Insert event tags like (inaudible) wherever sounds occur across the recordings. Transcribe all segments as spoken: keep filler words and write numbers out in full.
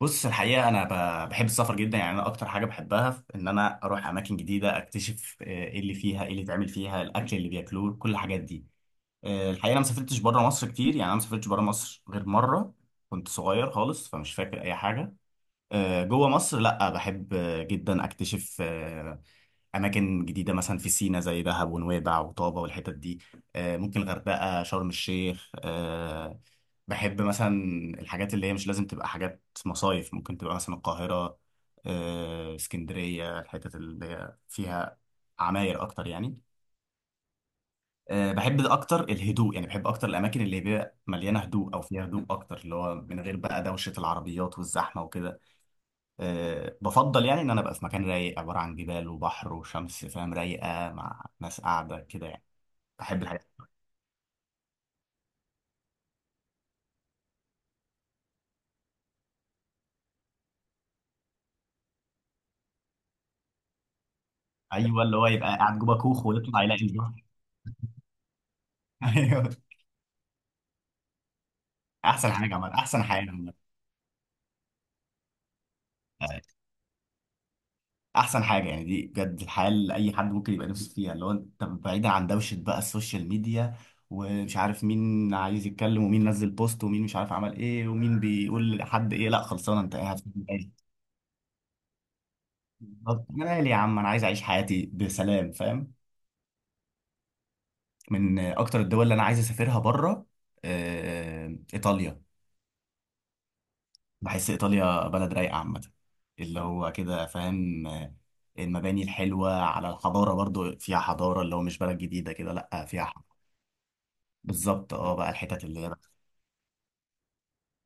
بص الحقيقة أنا ب- بحب السفر جدا. يعني أنا أكتر حاجة بحبها في إن أنا أروح أماكن جديدة أكتشف آه، إيه اللي فيها، إيه اللي اتعمل فيها، الأكل اللي بياكلوه، كل الحاجات دي. آه، الحقيقة أنا ما سافرتش بره مصر كتير. يعني أنا ما سافرتش بره مصر غير مرة، كنت صغير خالص فمش فاكر أي حاجة. آه، جوه مصر لأ، بحب آه، جدا أكتشف آه، اماكن جديده، مثلا في سينا زي دهب ونويبع وطابه والحتت دي. آه، ممكن غردقه، شرم الشيخ. آه، بحب مثلا الحاجات اللي هي مش لازم تبقى حاجات مصايف، ممكن تبقى مثلا القاهره، آه، اسكندريه، الحتت اللي هي فيها عماير اكتر يعني. آه، بحب اكتر الهدوء، يعني بحب اكتر الاماكن اللي بيبقى مليانه هدوء او فيها هدوء اكتر، اللي هو من غير بقى دوشه العربيات والزحمه وكده. أه بفضل يعني ان انا ابقى في مكان رايق، عباره عن جبال وبحر وشمس، فاهم؟ رايقه مع ناس قاعده كده يعني. بحب الحاجات. ايوه اللي هو يبقى قاعد جوه كوخ ويطلع يلاقي البحر. (laughs) ايوه. احسن حاجه، عمل احسن حياه، عمل احسن حاجه يعني. دي بجد الحياه اللي اي حد ممكن يبقى نفسه فيها، اللي هو انت بعيدا عن دوشه بقى السوشيال ميديا ومش عارف مين عايز يتكلم ومين نزل بوست ومين مش عارف عمل ايه ومين بيقول لحد ايه، لا خلصانه انت قاعد في البيت. بالظبط. انا مالي يا عم، انا عايز اعيش حياتي بسلام، فاهم؟ من اكتر الدول اللي انا عايز اسافرها بره آه، ايطاليا. بحس ايطاليا بلد رايقه عامه، اللي هو كده فاهم. آه، المباني الحلوه، على الحضاره برضو فيها حضاره، اللي هو مش بلد جديده كده، لا فيها ح- بالظبط. اه بقى الحتت اللي هي بقى.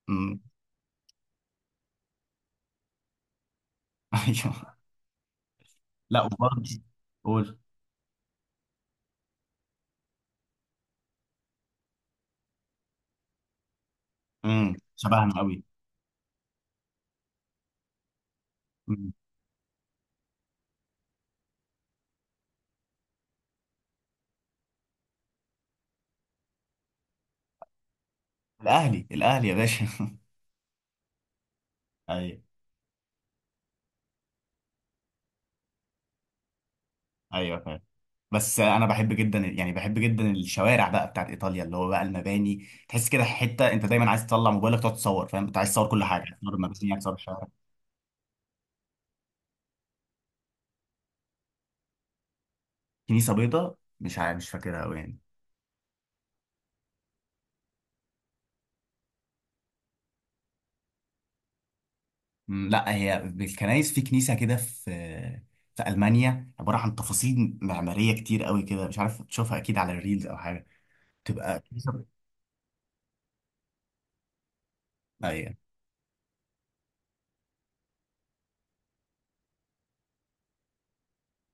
مم. (laughs) ايوه. لا وبرضه قول. مم. شبهنا قوي. مم. الاهلي الاهلي يا باشا. (laughs) ايوه. ايوه فاهم. بس انا بحب جدا، يعني بحب جدا الشوارع بقى بتاعت ايطاليا، اللي هو بقى المباني، تحس كده حته انت دايما عايز تطلع موبايلك تقعد تصور، فاهم؟ انت عايز تصور كل حاجه، عايز تصور المباني، عايز تصور الشوارع. كنيسه بيضاء؟ مش عارف، مش فاكرها قوي يعني. أمم، لا. هي بالكنايس، في كنيسه كده في في المانيا عباره عن تفاصيل معماريه كتير قوي كده، مش عارف تشوفها اكيد على الريلز او حاجه، تبقى كنيسه. ايوه.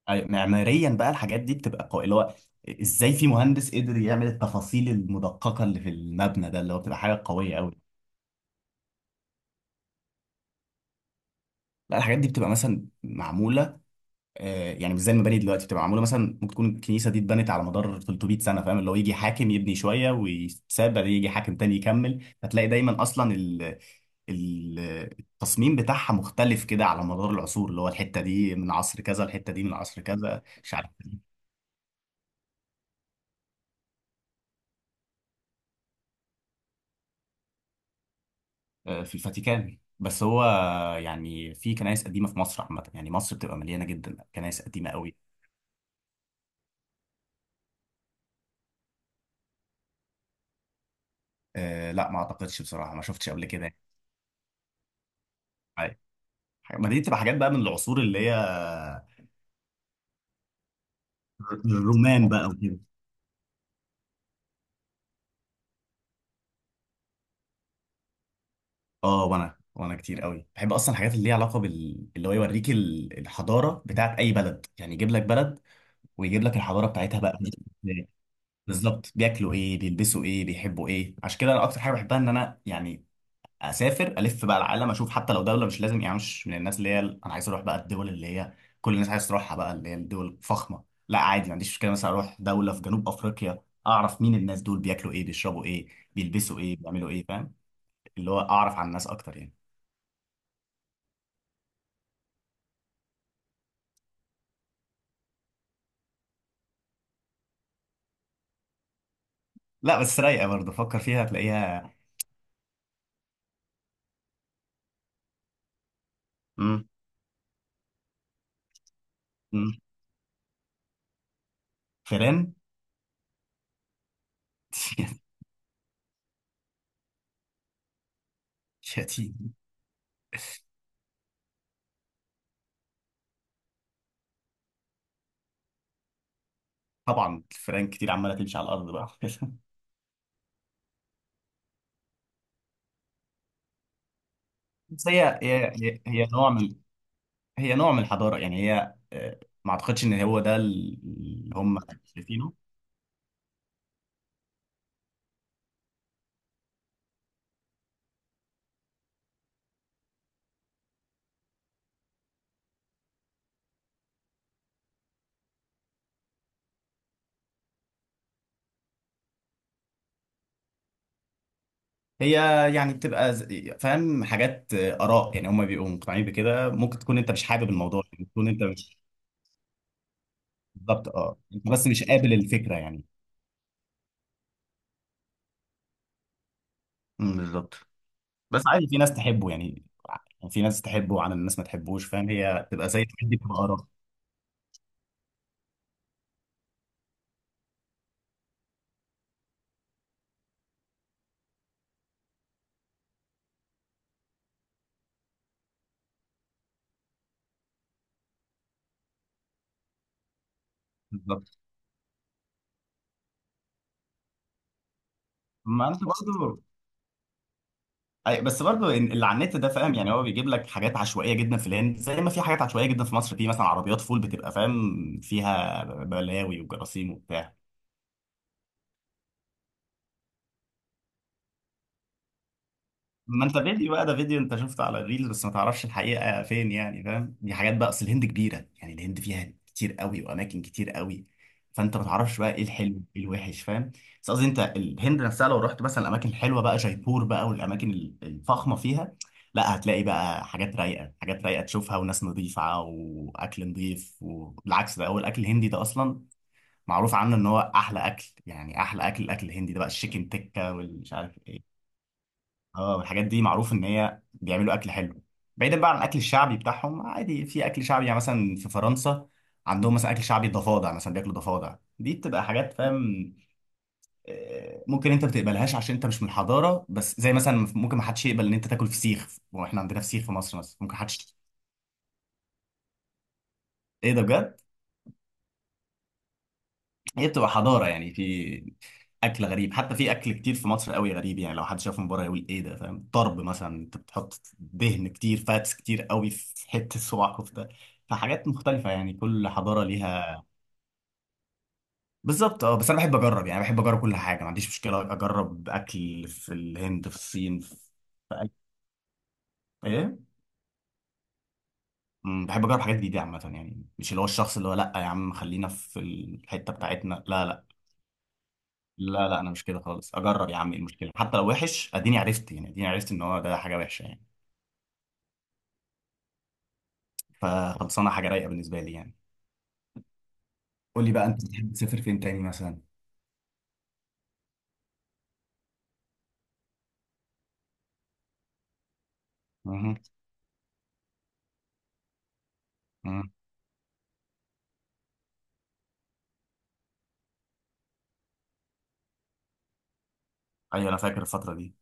أيوة. معماريا بقى الحاجات دي بتبقى قوي، اللي هو ازاي في مهندس قدر يعمل التفاصيل المدققه اللي في المبنى ده، اللي هو بتبقى حاجه قويه قوي. لا الحاجات دي بتبقى مثلا معموله آه، يعني مش زي المباني دلوقتي. بتبقى معموله مثلا، ممكن تكون الكنيسه دي اتبنت على مدار ثلاثمية سنه، فاهم؟ اللي هو يجي حاكم يبني شويه ويتساب، بعدين يجي حاكم تاني يكمل، فتلاقي دايما اصلا ال ال- التصميم بتاعها مختلف كده على مدار العصور، اللي هو الحته دي من عصر كذا، الحته دي من عصر كذا، مش عارف. آه، في الفاتيكان. بس هو يعني في كنائس قديمه في مصر عامه، يعني مصر بتبقى مليانه جدا كنائس قديمه قوي. آه، لا ما اعتقدش بصراحه، ما شفتش قبل كده يعني. ما دي بتبقى حاجات بقى من العصور اللي هي الرومان بقى وكده. اه وانا، وانا كتير قوي بحب اصلا الحاجات اللي ليها علاقه بال، اللي هو يوريك ال- الحضاره بتاعت اي بلد، يعني يجيب لك بلد ويجيب لك الحضاره بتاعتها بقى. بالظبط، بياكلوا ايه، بيلبسوا ايه، بيحبوا ايه. عشان كده انا اكتر حاجه بحبها ان انا يعني اسافر الف بقى العالم، اشوف حتى لو دوله، مش لازم يعني مش من الناس اللي هي ال- انا عايز اروح بقى الدول اللي هي كل الناس عايز تروحها بقى، اللي هي الدول الفخمه. لا عادي، ما عنديش مشكله مثلا اروح دوله في جنوب افريقيا، اعرف مين الناس دول، بياكلوا ايه، بيشربوا ايه، بيلبسوا ايه، بيعملوا ايه، فاهم؟ اللي هو اعرف عن الناس اكتر يعني. لا بس رايقه برضه، فكر فيها هتلاقيها. امم. امم. فيران. (laughs) شتيم. طبعا الفيران كتير عماله تمشي على الارض بقى. (laughs) بس هي هي هي هي نوع من، هي نوع من الحضارة يعني. هي آه، ما اعتقدش ان هو ده اللي هم شايفينه. هي يعني بتبقى ز- فاهم حاجات، آه، آراء. يعني هم بيبقوا مقتنعين بكده، ممكن تكون انت مش حابب الموضوع، يعني تكون انت مش. بالظبط اه، انت بس مش قابل الفكرة يعني. أمم، بالظبط. بس عادي، في ناس تحبه يعني. يعني في ناس تحبه وعن الناس ما تحبوش، فاهم؟ هي تبقى زي دي، بتبقى آراء. بالظبط. ما انت برضه. أي، بس برضه إن- اللي على النت ده، فاهم؟ يعني هو بيجيب لك حاجات عشوائيه جدا في الهند، زي ما في حاجات عشوائيه جدا في مصر، في مثلا عربيات فول بتبقى فاهم فيها بلاوي وجراثيم وبتاع. ما انت فيديو بقى ده، فيديو انت شفته على الريلز، بس ما تعرفش الحقيقة فين، يعني فاهم؟ دي حاجات بقى، اصل الهند كبيرة، يعني الهند فيها كتير قوي، واماكن كتير قوي، فانت ما تعرفش بقى ايه الحلو ايه الوحش، فاهم؟ بس قصدي انت الهند نفسها لو رحت مثلا الاماكن الحلوة بقى، جايبور بقى والاماكن ال- الفخمة فيها، لا هتلاقي بقى حاجات رايقة، حاجات رايقة تشوفها، وناس نظيفة واكل نظيف. والعكس ده، هو الاكل الهندي ده اصلا معروف عنه ان هو احلى اكل، يعني احلى اكل الاكل الهندي ده بقى، الشيكن تكة والمش عارف إيه. اه، والحاجات دي معروف ان هي بيعملوا اكل حلو. بعيدا بقى عن الاكل الشعبي بتاعهم، عادي في اكل شعبي، يعني مثلا في فرنسا عندهم مثلا اكل شعبي ضفادع، مثلا بياكلوا ضفادع، دي بتبقى حاجات فاهم آه، ممكن انت ما تقبلهاش عشان انت مش من الحضاره، بس زي مثلا ممكن ما حدش يقبل ان انت تاكل فسيخ، واحنا عندنا فسيخ في مصر، مثلا ممكن حدش. ايه ده، بجد؟ هي بتبقى حضاره يعني، في اكل غريب، حتى في اكل كتير في مصر قوي غريب، يعني لو حد شاف من بره يقول ايه ده، فاهم؟ طرب مثلا، انت بتحط دهن كتير، فاتس كتير قوي، في حته صباع كفته. فحاجات مختلفه يعني، كل حضاره ليها. بالظبط اه، بس انا بحب اجرب، يعني بحب اجرب كل حاجه، ما عنديش مشكله اجرب اكل في الهند، في الصين، في في أي- ايه. أمم، بحب اجرب حاجات جديده عامه، يعني مش اللي هو الشخص اللي هو لا يا عم خلينا في الحته بتاعتنا، لا لا. لا لا انا مش كده خالص، اجرب يا عم ايه المشكله؟ حتى لو وحش اديني عرفت، يعني اديني عرفت ان هو ده حاجه وحشه يعني، فخلصانه حاجه رايقه بالنسبه لي يعني. قول لي بقى انت بتحب تسافر فين تاني مثلا؟ مه. مه. ايوه انا فاكر الفتره دي.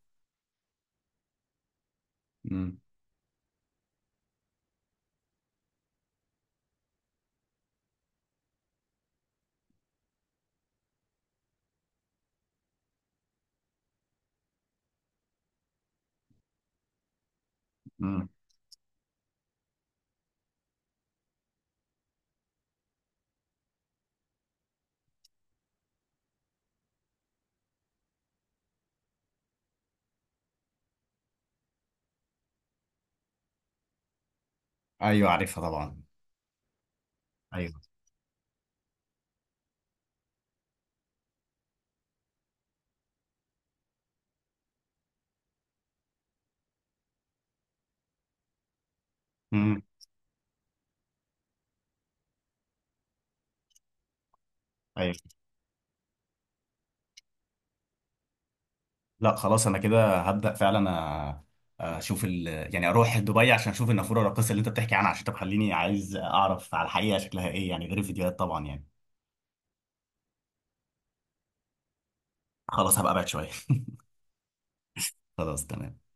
مم. مم. ايوه عارفها طبعا. ايوه. مم. ايوه. لا خلاص، انا كده هبدا فعلا. أ- اشوف ال... يعني اروح دبي عشان اشوف النافوره الراقصه اللي انت بتحكي عنها، عشان تخليني عايز اعرف على الحقيقه شكلها ايه، يعني غير الفيديوهات طبعا يعني. خلاص هبقى ابعد شويه. (laughs) خلاص تمام.